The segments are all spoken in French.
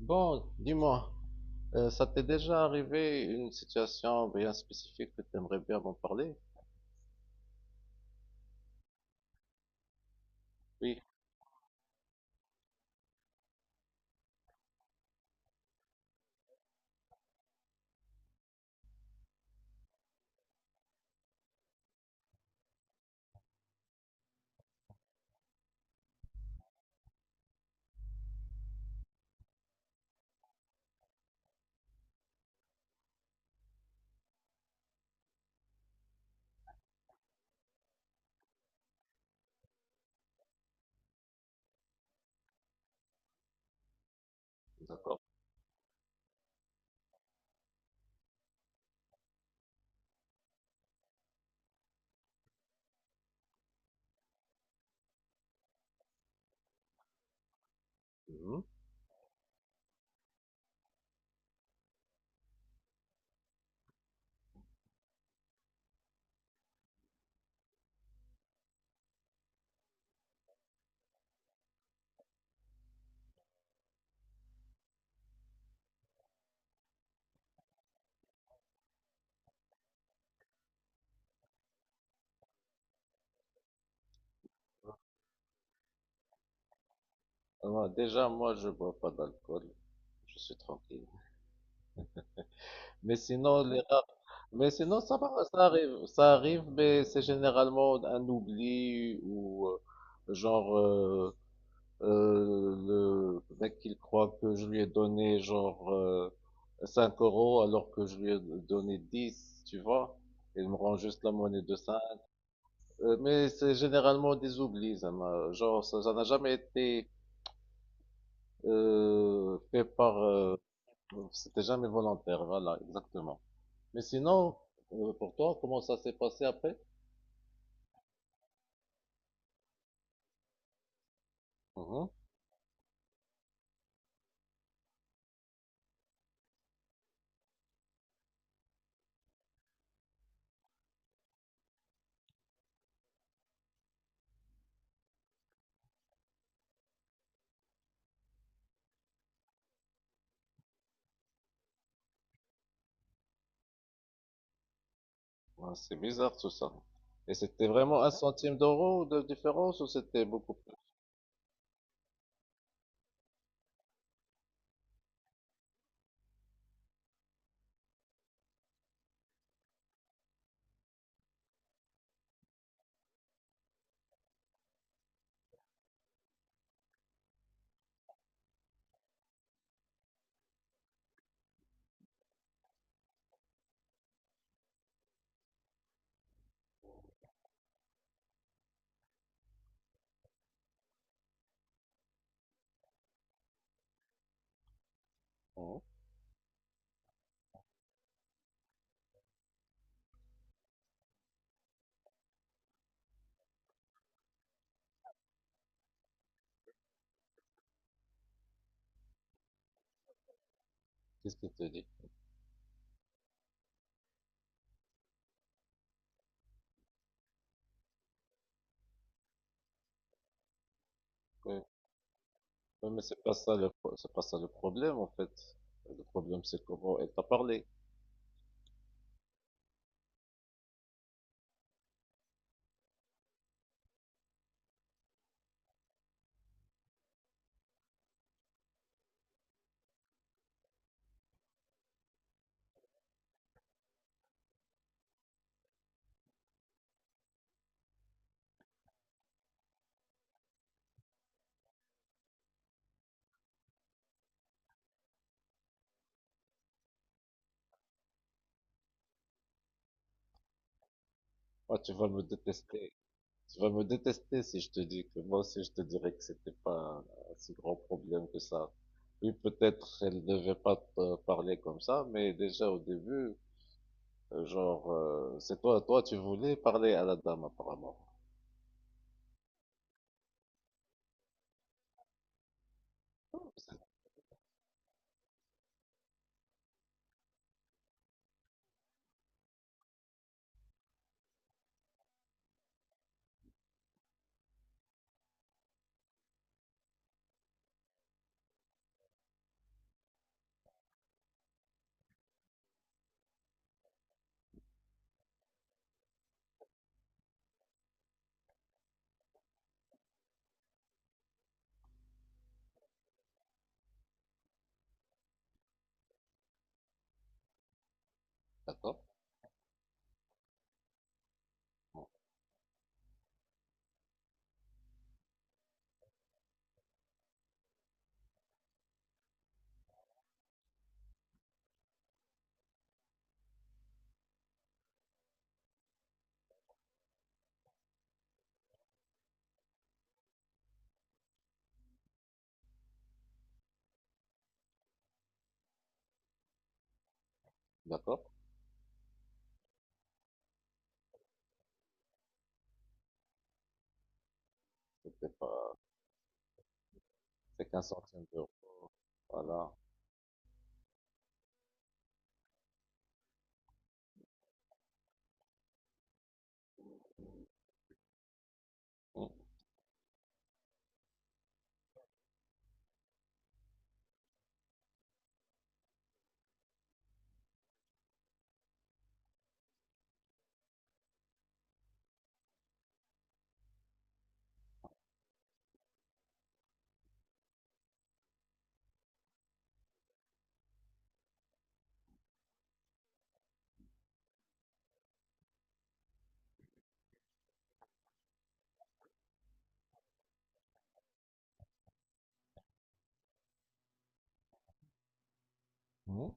Bon, dis-moi, ça t'est déjà arrivé une situation bien spécifique que t'aimerais bien m'en parler? Oui, d'accord. Mhm. Alors, déjà, moi, je bois pas d'alcool. Je suis tranquille. Mais sinon, les rares... Mais sinon, ça va, ça arrive. Ça arrive, mais c'est généralement un oubli ou genre, le mec il croit que je lui ai donné genre 5 euros alors que je lui ai donné 10, tu vois. Il me rend juste la monnaie de 5. Mais c'est généralement des oublis, genre ça n'a jamais été fait par... c'était jamais volontaire, voilà, exactement. Mais sinon, pour toi, comment ça s'est passé après? Mhm. Ouais, c'est bizarre tout ça. Et c'était vraiment un centime d'euro de différence ou c'était beaucoup? Mhm. Qu'est-ce qu'il te dit? Oui, oui, mais c'est pas ça le problème, en fait. Le problème, c'est comment elle t'a parlé. Moi, tu vas me détester. Tu vas me détester si je te dis que moi aussi, je te dirais que c'était pas un si grand problème que ça. Oui, peut-être elle devait pas te parler comme ça, mais déjà au début, genre, c'est toi, tu voulais parler à la dame, apparemment. Ah, d'accord, d'accord. C'était pas, c'est 15 centimes d'euros. Voilà. Mm. Mhm.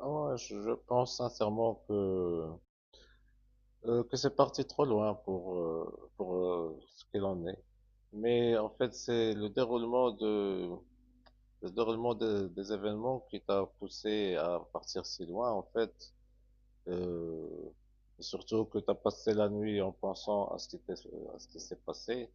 Ah ouais, je pense sincèrement que c'est parti trop loin pour ce qu'il en est. Mais en fait, c'est le déroulement de le déroulement des événements qui t'a poussé à partir si loin. En fait, euh, surtout que t'as passé la nuit en pensant à à ce qui s'est passé.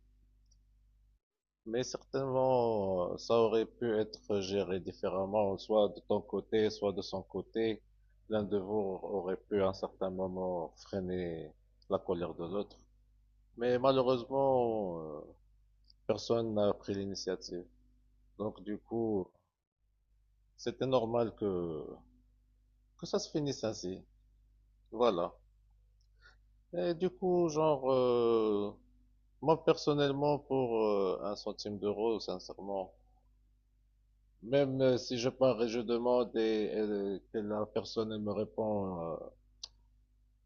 Mais certainement, ça aurait pu être géré différemment, soit de ton côté, soit de son côté. L'un de vous aurait pu à un certain moment freiner la colère de l'autre. Mais malheureusement, personne n'a pris l'initiative. Donc du coup, c'était normal que ça se finisse ainsi. Voilà. Et du coup, genre, moi personnellement, pour un centime d'euro, sincèrement, même si je pars et je demande et, que la personne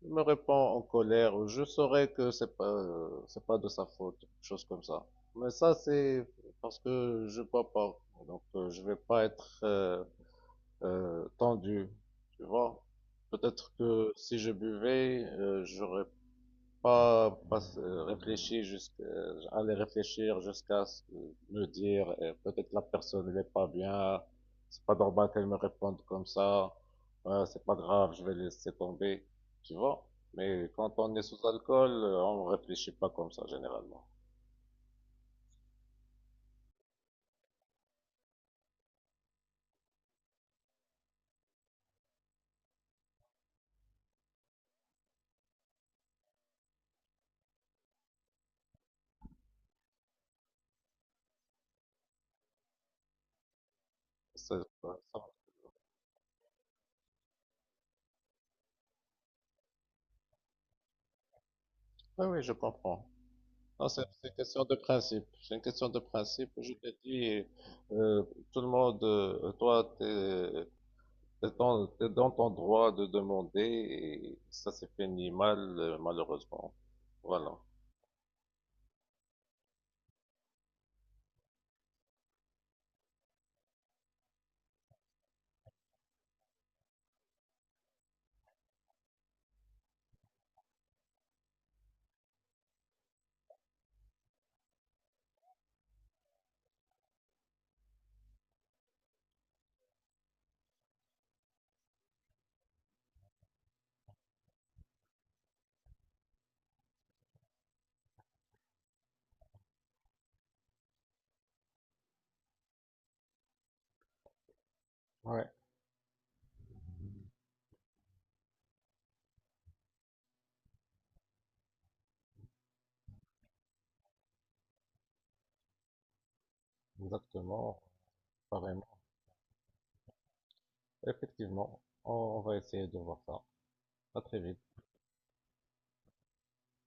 elle me répond en colère, je saurais que c'est pas de sa faute, quelque chose comme ça. Mais ça, c'est parce que je bois pas, donc je vais pas être tendu, tu vois. Peut-être que si je buvais, j'aurais pas réfléchir aller réfléchir jusqu'à ce que me dire, peut-être la personne n'est pas bien, c'est pas normal qu'elle me réponde comme ça, ouais, c'est pas grave, je vais laisser tomber, tu vois. Mais quand on est sous alcool, on réfléchit pas comme ça généralement. C'est, ça- oui, oui, je comprends. Non, c'est une question de principe. C'est une question de principe. Je te dis, euh, tout le monde, toi, t'es, c'est dans, t'es dans ton droit de demander et ça s'est fini mal, malheureusement. Voilà. Ouais, exactement, apparemment. Effectivement, on va essayer de voir ça. À très vite.